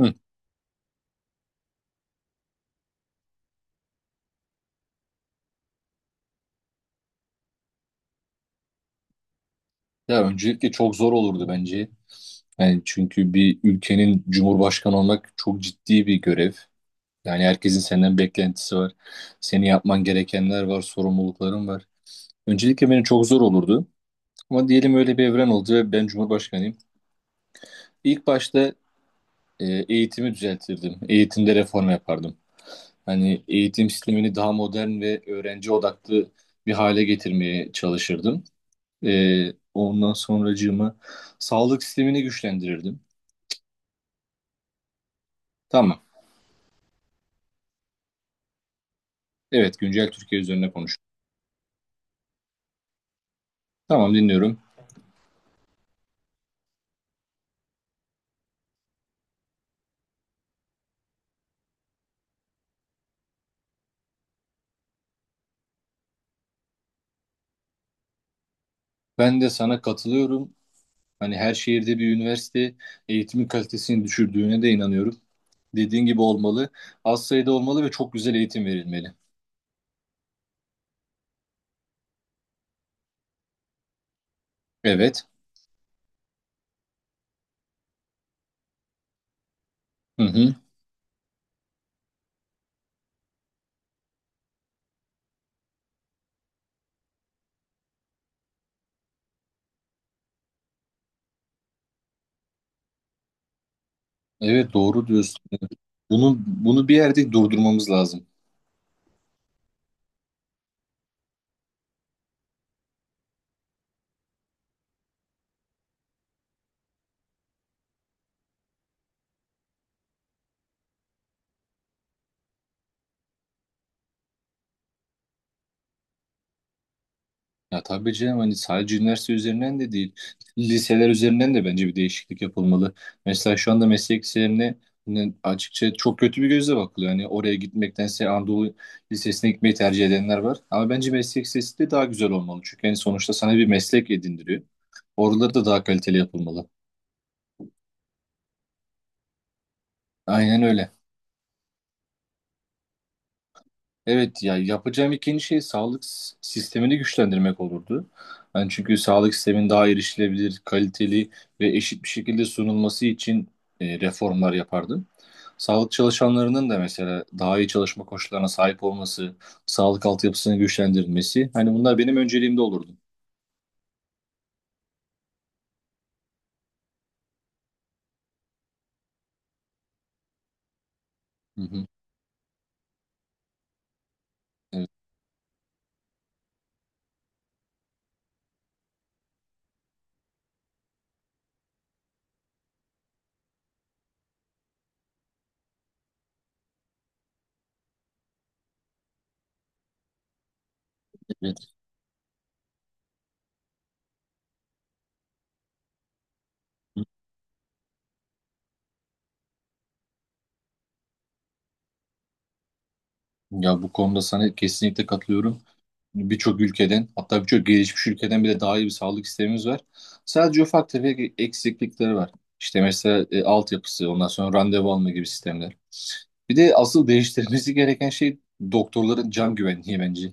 Hı. Ya öncelikle çok zor olurdu bence. Yani çünkü bir ülkenin cumhurbaşkanı olmak çok ciddi bir görev. Yani herkesin senden beklentisi var. Senin yapman gerekenler var, sorumlulukların var. Öncelikle benim çok zor olurdu. Ama diyelim öyle bir evren oldu ve ben cumhurbaşkanıyım. İlk başta eğitimi düzeltirdim. Eğitimde reform yapardım. Hani eğitim sistemini daha modern ve öğrenci odaklı bir hale getirmeye çalışırdım. Ondan sonracığıma sağlık sistemini güçlendirirdim. Tamam. Evet, güncel Türkiye üzerine konuş. Tamam, dinliyorum. Ben de sana katılıyorum. Hani her şehirde bir üniversite eğitimin kalitesini düşürdüğüne de inanıyorum. Dediğin gibi olmalı. Az sayıda olmalı ve çok güzel eğitim verilmeli. Evet. Hı hı. Evet, doğru diyorsun. Bunu bir yerde durdurmamız lazım. Ya tabii canım hani sadece üniversite üzerinden de değil, liseler üzerinden de bence bir değişiklik yapılmalı. Mesela şu anda meslek liselerine hani açıkça çok kötü bir gözle bakılıyor. Hani oraya gitmektense Anadolu Lisesi'ne gitmeyi tercih edenler var. Ama bence meslek lisesi de daha güzel olmalı. Çünkü hani sonuçta sana bir meslek edindiriyor. Oraları da daha kaliteli yapılmalı. Aynen öyle. Evet ya yapacağım ikinci şey sağlık sistemini güçlendirmek olurdu. Yani çünkü sağlık sistemin daha erişilebilir, kaliteli ve eşit bir şekilde sunulması için reformlar yapardım. Sağlık çalışanlarının da mesela daha iyi çalışma koşullarına sahip olması, sağlık altyapısını güçlendirilmesi hani bunlar benim önceliğimde olurdu. Hı hı. Evet, evet. Ya bu konuda sana kesinlikle katılıyorum. Birçok ülkeden hatta birçok gelişmiş ülkeden bile daha iyi bir sağlık sistemimiz var. Sadece ufak tefek eksiklikleri var. İşte mesela altyapısı, ondan sonra randevu alma gibi sistemler. Bir de asıl değiştirmesi gereken şey doktorların can güvenliği bence.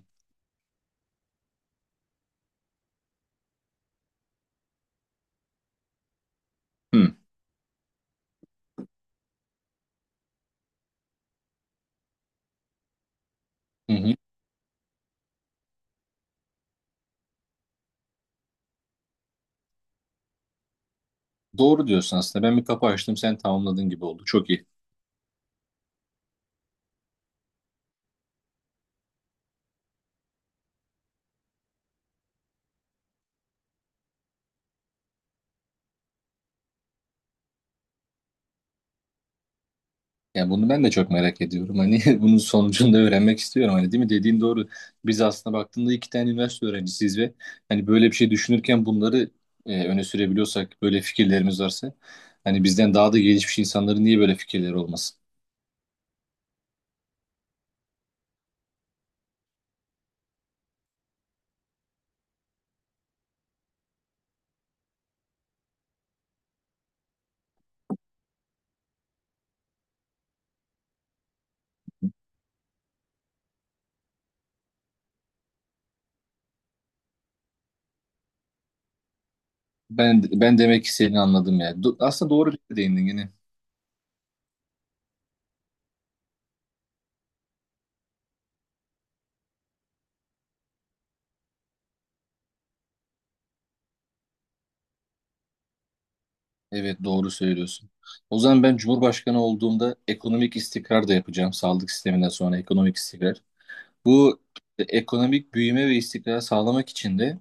Hı. Hı hı. Doğru diyorsun aslında. Ben bir kapı açtım, sen tamamladın gibi oldu. Çok iyi. Ya bunu ben de çok merak ediyorum. Hani bunun sonucunu da öğrenmek istiyorum. Hani değil mi? Dediğin doğru. Biz aslında baktığında iki tane üniversite öğrencisiyiz ve hani böyle bir şey düşünürken bunları öne sürebiliyorsak, böyle fikirlerimiz varsa hani bizden daha da gelişmiş insanların niye böyle fikirleri olmasın? Ben demek ki seni anladım ya. Aslında doğru bir değindin yine. Evet doğru söylüyorsun. O zaman ben Cumhurbaşkanı olduğumda ekonomik istikrar da yapacağım. Sağlık sisteminden sonra ekonomik istikrar. Bu ekonomik büyüme ve istikrar sağlamak için de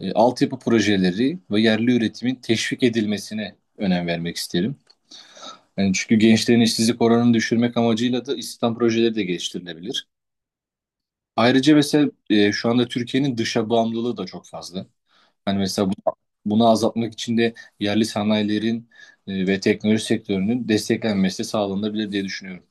altyapı projeleri ve yerli üretimin teşvik edilmesine önem vermek isterim. Yani çünkü gençlerin işsizlik oranını düşürmek amacıyla da istihdam projeleri de geliştirilebilir. Ayrıca mesela şu anda Türkiye'nin dışa bağımlılığı da çok fazla. Hani mesela bunu azaltmak için de yerli sanayilerin ve teknoloji sektörünün desteklenmesi sağlanabilir diye düşünüyorum.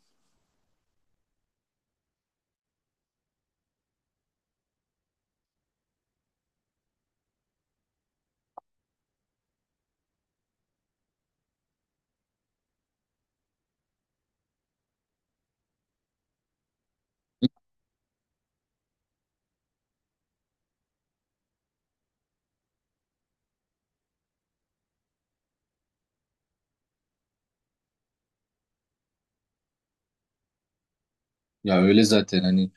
Ya öyle zaten hani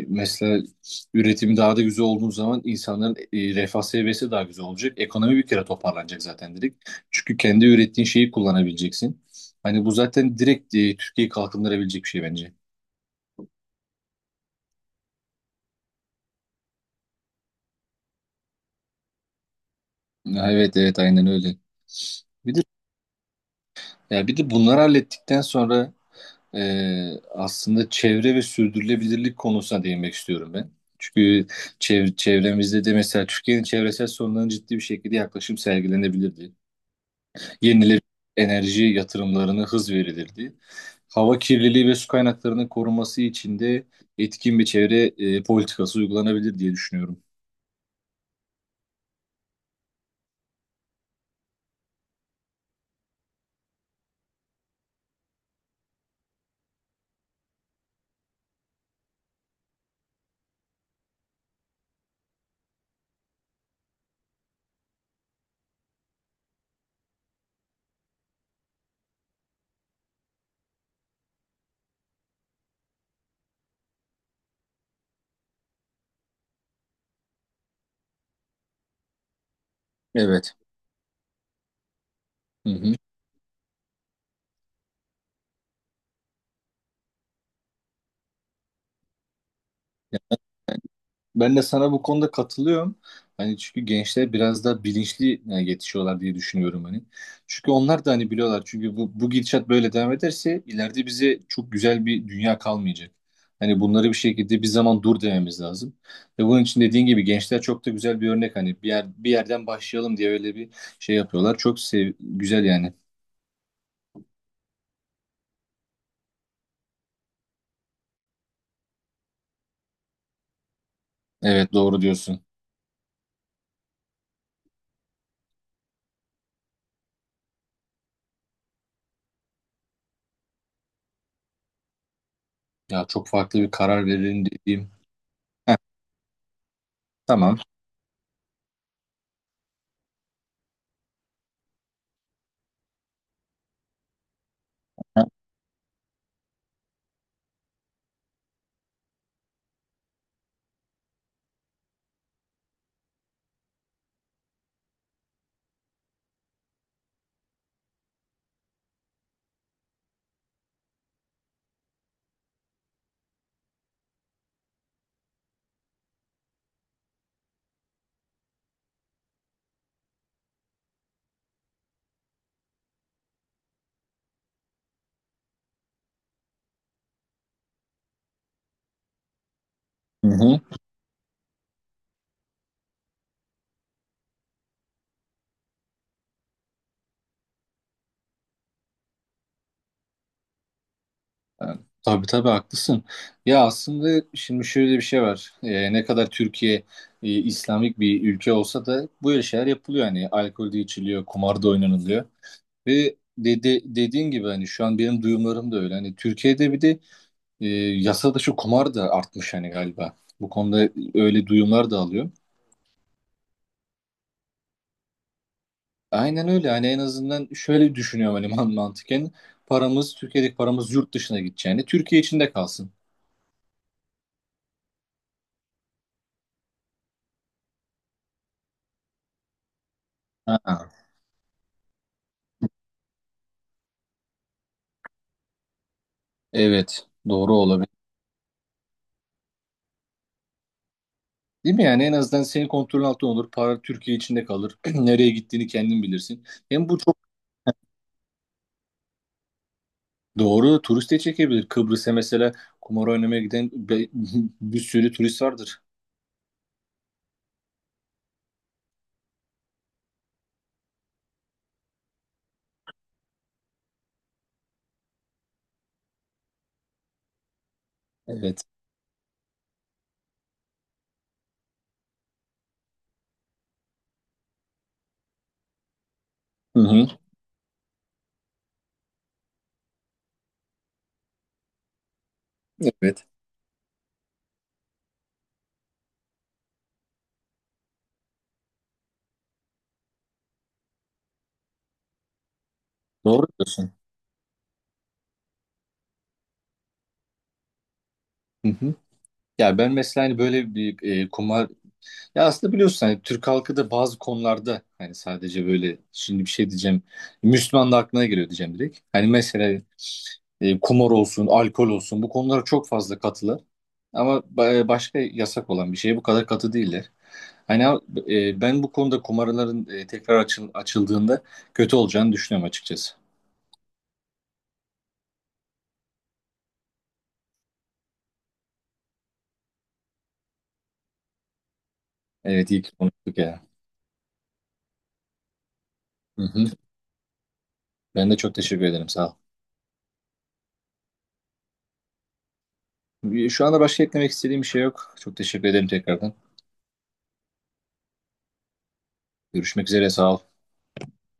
mesela üretim daha da güzel olduğu zaman insanların refah seviyesi daha güzel olacak. Ekonomi bir kere toparlanacak zaten direkt. Çünkü kendi ürettiğin şeyi kullanabileceksin. Hani bu zaten direkt Türkiye'yi kalkındırabilecek bir şey bence. Ya evet evet aynen öyle. Bir de ya bir de bunları hallettikten sonra aslında çevre ve sürdürülebilirlik konusuna değinmek istiyorum ben. Çünkü çevremizde de mesela Türkiye'nin çevresel sorunlarına ciddi bir şekilde yaklaşım sergilenebilirdi. Yenilenebilir enerji yatırımlarına hız verilirdi. Hava kirliliği ve su kaynaklarının korunması için de etkin bir çevre politikası uygulanabilir diye düşünüyorum. Evet. Hı hı. Ben de sana bu konuda katılıyorum. Hani çünkü gençler biraz daha bilinçli yani yetişiyorlar diye düşünüyorum hani. Çünkü onlar da hani biliyorlar. Çünkü bu gidişat böyle devam ederse ileride bize çok güzel bir dünya kalmayacak. Hani bunları bir şekilde bir zaman dur dememiz lazım. Ve bunun için dediğin gibi gençler çok da güzel bir örnek. Hani bir yer, bir yerden başlayalım diye öyle bir şey yapıyorlar. Çok sev güzel yani. Evet doğru diyorsun. Ya çok farklı bir karar verelim dediğim. Heh, tamam. Hı hı. Tabii tabii haklısın. Ya aslında şimdi şöyle bir şey var. Ne kadar Türkiye İslamik bir ülke olsa da böyle şeyler yapılıyor. Hani alkol de içiliyor, kumar da oynanılıyor. Dediğin gibi hani şu an benim duyumlarım da öyle. Hani Türkiye'de bir de e, yasa dışı kumar da artmış hani galiba. Bu konuda öyle duyumlar da alıyor. Aynen öyle. Hani en azından şöyle düşünüyorum hani mantıken. Paramız, Türkiye'deki paramız yurt dışına gideceğini, Türkiye içinde kalsın. Ha, evet, doğru olabilir. Değil mi yani en azından senin kontrolün altında olur. Para Türkiye içinde kalır. Nereye gittiğini kendin bilirsin. Hem bu çok doğru turist de çekebilir. Kıbrıs'a mesela kumar oynamaya giden bir sürü turist vardır. Evet. Hı hı. Evet. Doğru diyorsun. Hı hı. Ya ben mesela hani böyle bir kumar ya aslında biliyorsun hani Türk halkı da bazı konularda hani sadece böyle şimdi bir şey diyeceğim Müslüman da aklına geliyor diyeceğim direkt. Hani mesela kumar olsun, alkol olsun bu konulara çok fazla katılar. Ama başka yasak olan bir şeye bu kadar katı değiller. Hani ben bu konuda kumarların tekrar açıldığında kötü olacağını düşünüyorum açıkçası. Evet iyi ki konuştuk ya. Hı hı. Ben de çok teşekkür ederim sağ ol. Şu anda başka eklemek istediğim bir şey yok. Çok teşekkür ederim tekrardan. Görüşmek üzere sağ ol.